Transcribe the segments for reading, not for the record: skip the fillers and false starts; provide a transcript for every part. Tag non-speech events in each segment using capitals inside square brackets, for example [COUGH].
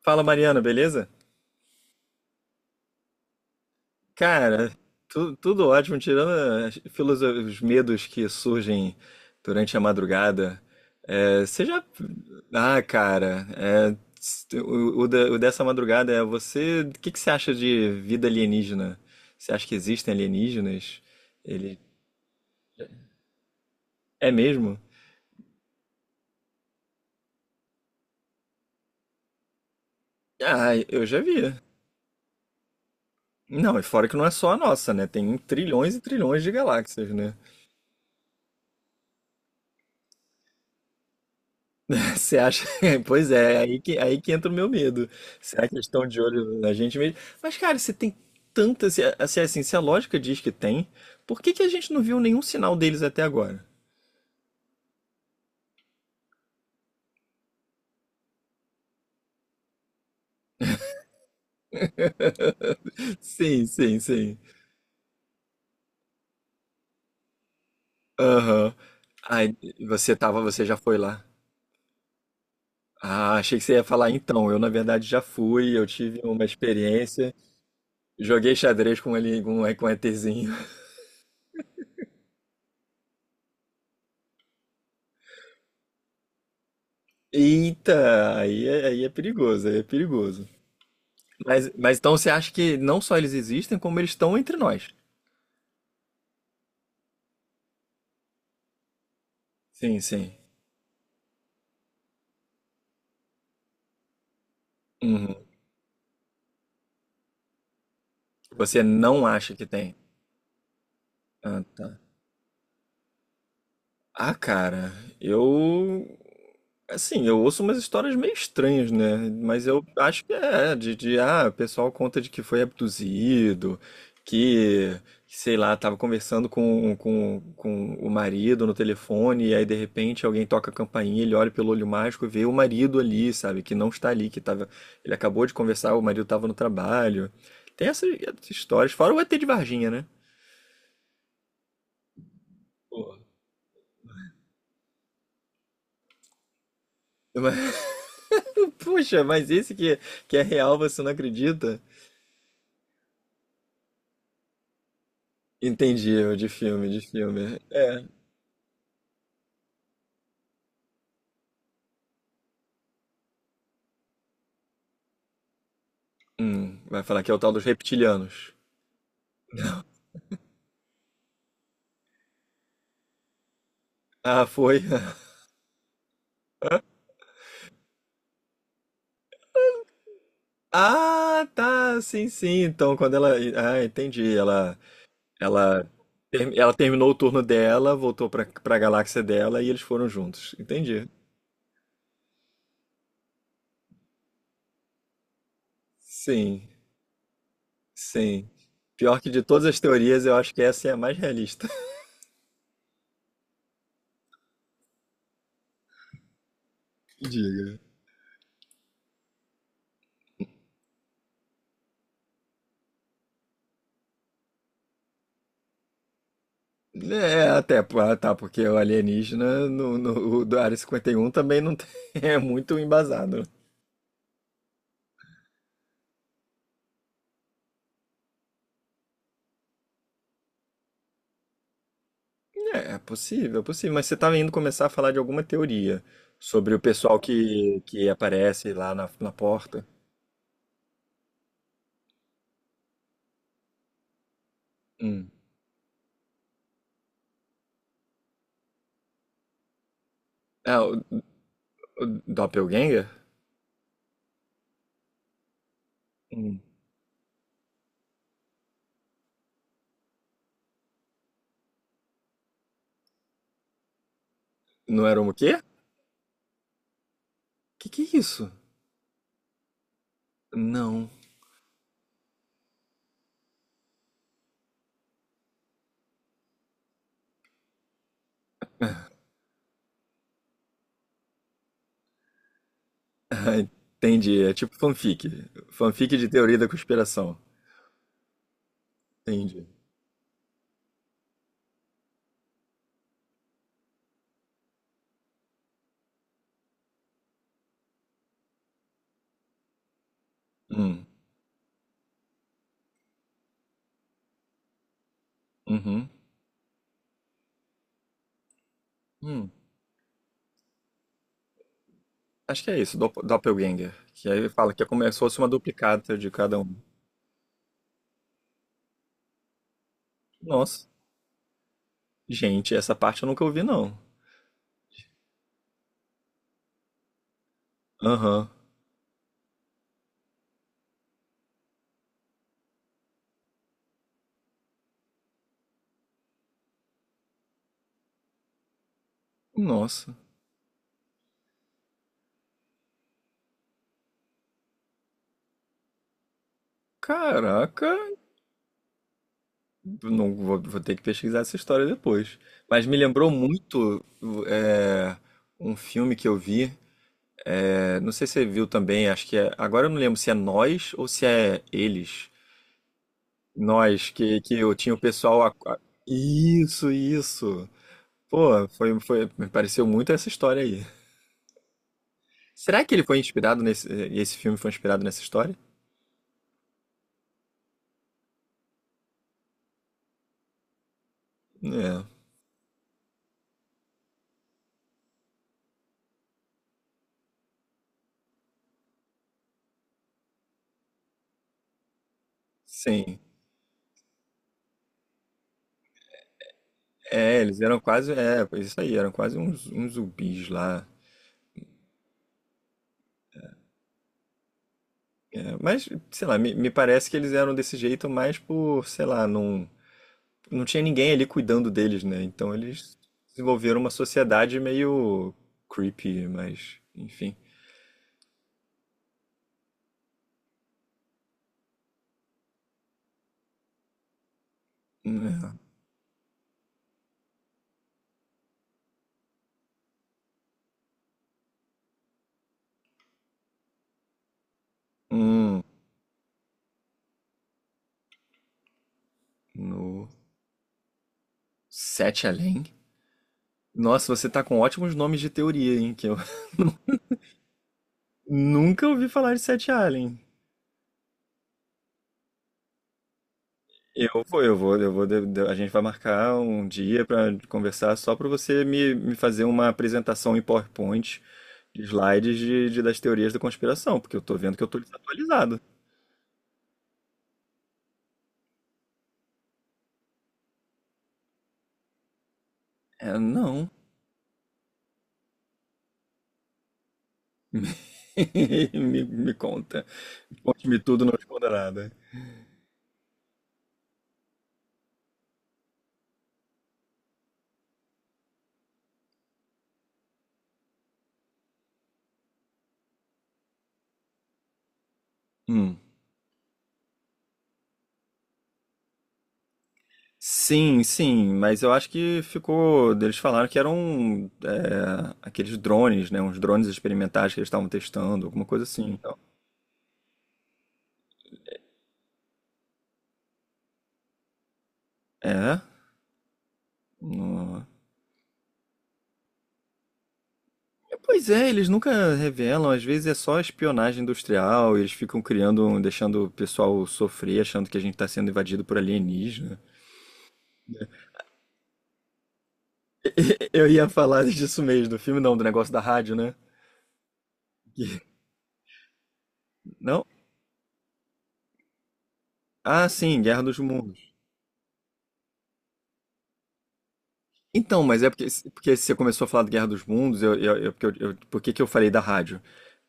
Fala, Mariana, beleza? Cara, tudo ótimo, tirando os medos que surgem durante a madrugada. É, você já. Ah, cara, é, o dessa madrugada é você. O que que você acha de vida alienígena? Você acha que existem alienígenas? Ele. É mesmo? Ah, eu já vi. Não, e fora que não é só a nossa, né? Tem trilhões e trilhões de galáxias, né? Você acha? [LAUGHS] Pois é, é aí que entra o meu medo. Será que eles estão de olho na gente mesmo? Mas, cara, se tem tanta. Se, a- se, Assim, se a lógica diz que tem, por que que a gente não viu nenhum sinal deles até agora? [LAUGHS] Sim, sim, sim. Aham. Ai, você já foi lá. Ah, achei que você ia falar então. Eu, na verdade, já fui, eu tive uma experiência. Joguei xadrez com ele, com um ETzinho. [LAUGHS] Eita, aí é perigoso, aí é perigoso. Mas então você acha que não só eles existem, como eles estão entre nós? Sim, sim. Uhum. Você não acha que tem? Ah, tá. Ah, cara, eu. Assim, eu ouço umas histórias meio estranhas, né? Mas eu acho que o pessoal conta de que foi abduzido, que, sei lá, tava conversando com o marido no telefone, e aí de repente alguém toca a campainha, ele olha pelo olho mágico e vê o marido ali, sabe? Que não está ali, que tava. Ele acabou de conversar, o marido tava no trabalho. Tem essas histórias, fora o ET de Varginha, né? Pô, [LAUGHS] [LAUGHS] Puxa, mas esse que é real, você não acredita? Entendi, eu de filme, de filme. É. Vai falar que é o tal dos reptilianos. Ah, foi. [LAUGHS] Ah, tá, sim, sim. Então, quando ela. Ah, entendi. Ela, ela terminou o turno dela, voltou pra galáxia dela e eles foram juntos. Entendi. Sim, sim. Pior que de todas as teorias, eu acho que essa é a mais realista. [LAUGHS] Diga. É, até, pô, ah, tá, porque o alienígena no, no, o da Área cinquenta e um também não tem, [LAUGHS] é muito embasado. É, é possível, mas você estava indo começar a falar de alguma teoria sobre o pessoal que aparece lá na porta. Hum. Ah, o Doppelganger? Hum. Não era um quê? Que é isso? Não. [LAUGHS] Ah, entendi, é tipo fanfic. Fanfic de teoria da conspiração. Entendi. Hum. Uhum. Hum. Acho que é isso, Doppelganger. Que aí fala que é como se fosse uma duplicata de cada um. Nossa, gente, essa parte eu nunca ouvi, não. Aham. Nossa. Caraca, não vou, vou ter que pesquisar essa história depois. Mas me lembrou muito é, um filme que eu vi. Não sei se você viu também, acho que é. Agora eu não lembro se é Nós ou se é Eles. Nós, que eu tinha o pessoal. Isso, isso. Pô, foi, me pareceu muito essa história aí. Será que ele foi inspirado nesse, e esse filme foi inspirado nessa história? É, sim. É, eles eram quase. É, pois isso aí, eram quase uns zumbis lá. É, mas, sei lá, me parece que eles eram desse jeito mais por, sei lá, não, não tinha ninguém ali cuidando deles, né? Então eles desenvolveram uma sociedade meio creepy, mas, enfim. É. Hum, no Sete Além? Nossa, você tá com ótimos nomes de teoria, hein? Que eu [LAUGHS] nunca ouvi falar de Sete Além. Eu vou, eu vou, eu vou. A gente vai marcar um dia para conversar só para você me fazer uma apresentação em PowerPoint, de slides das teorias da conspiração, porque eu tô vendo que eu tô desatualizado. É, não. [LAUGHS] Me conta. Conte-me tudo, não esconda nada. Hum. Sim, sim, mas eu acho que ficou. Eles falaram que eram aqueles drones, né? Uns drones experimentais que eles estavam testando, alguma coisa assim. Então, é. No- Pois é, eles nunca revelam, às vezes é só espionagem industrial, eles ficam criando, deixando o pessoal sofrer, achando que a gente tá sendo invadido por alienígena. [LAUGHS] Eu ia falar disso mesmo, do filme não, do negócio da rádio, né? Que- Não? Ah, sim, Guerra dos Mundos. Então, mas é porque, você começou a falar de Guerra dos Mundos, por que que eu falei da rádio?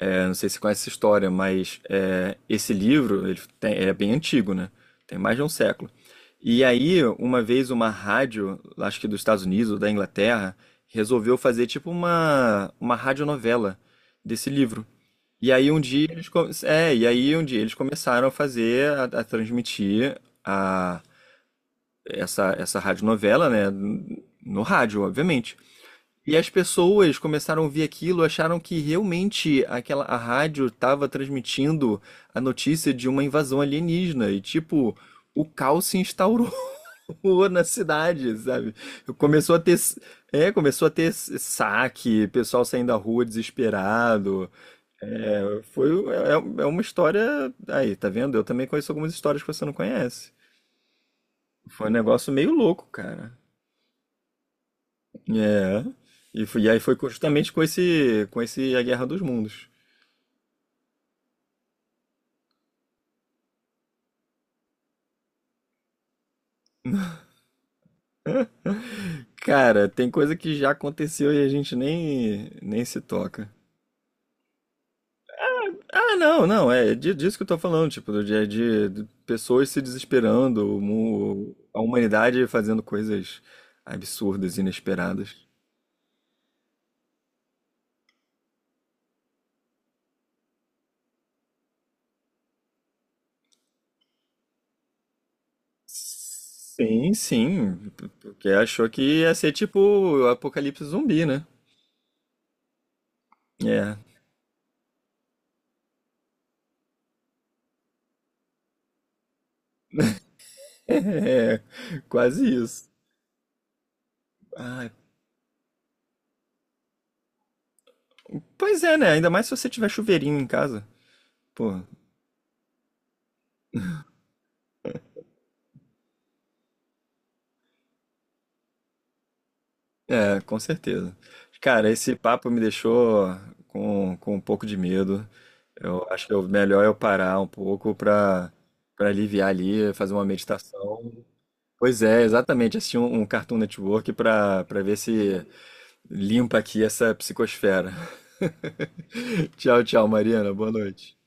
É, não sei se você conhece essa história, mas esse livro ele é bem antigo, né? Tem mais de um século. E aí, uma vez, uma rádio, acho que dos Estados Unidos ou da Inglaterra, resolveu fazer tipo uma radionovela desse livro. E aí um dia eles, co- é, e aí um dia eles começaram a fazer, a transmitir a, essa radionovela, né? No rádio, obviamente. E as pessoas começaram a ouvir aquilo, acharam que realmente aquela a rádio estava transmitindo a notícia de uma invasão alienígena e tipo, o caos se instaurou [LAUGHS] na cidade, sabe? Começou a ter saque, pessoal saindo da rua desesperado. É, foi uma história aí, tá vendo? Eu também conheço algumas histórias que você não conhece. Foi um negócio meio louco, cara. É. E aí foi justamente com esse, A Guerra dos Mundos. Cara, tem coisa que já aconteceu e a gente nem se toca. Ah, não, não, é disso que eu tô falando, tipo, do dia de pessoas se desesperando, a humanidade fazendo coisas absurdas, inesperadas. Sim, sim, porque achou que ia ser tipo o apocalipse zumbi, né? É, [LAUGHS] é, quase isso. Ah, pois é, né? Ainda mais se você tiver chuveirinho em casa. Pô. É, com certeza. Cara, esse papo me deixou com um pouco de medo. Eu acho que é o melhor eu parar um pouco para aliviar ali, fazer uma meditação. Pois é, exatamente, assistir um Cartoon Network para ver se limpa aqui essa psicosfera. [LAUGHS] Tchau, tchau, Mariana. Boa noite.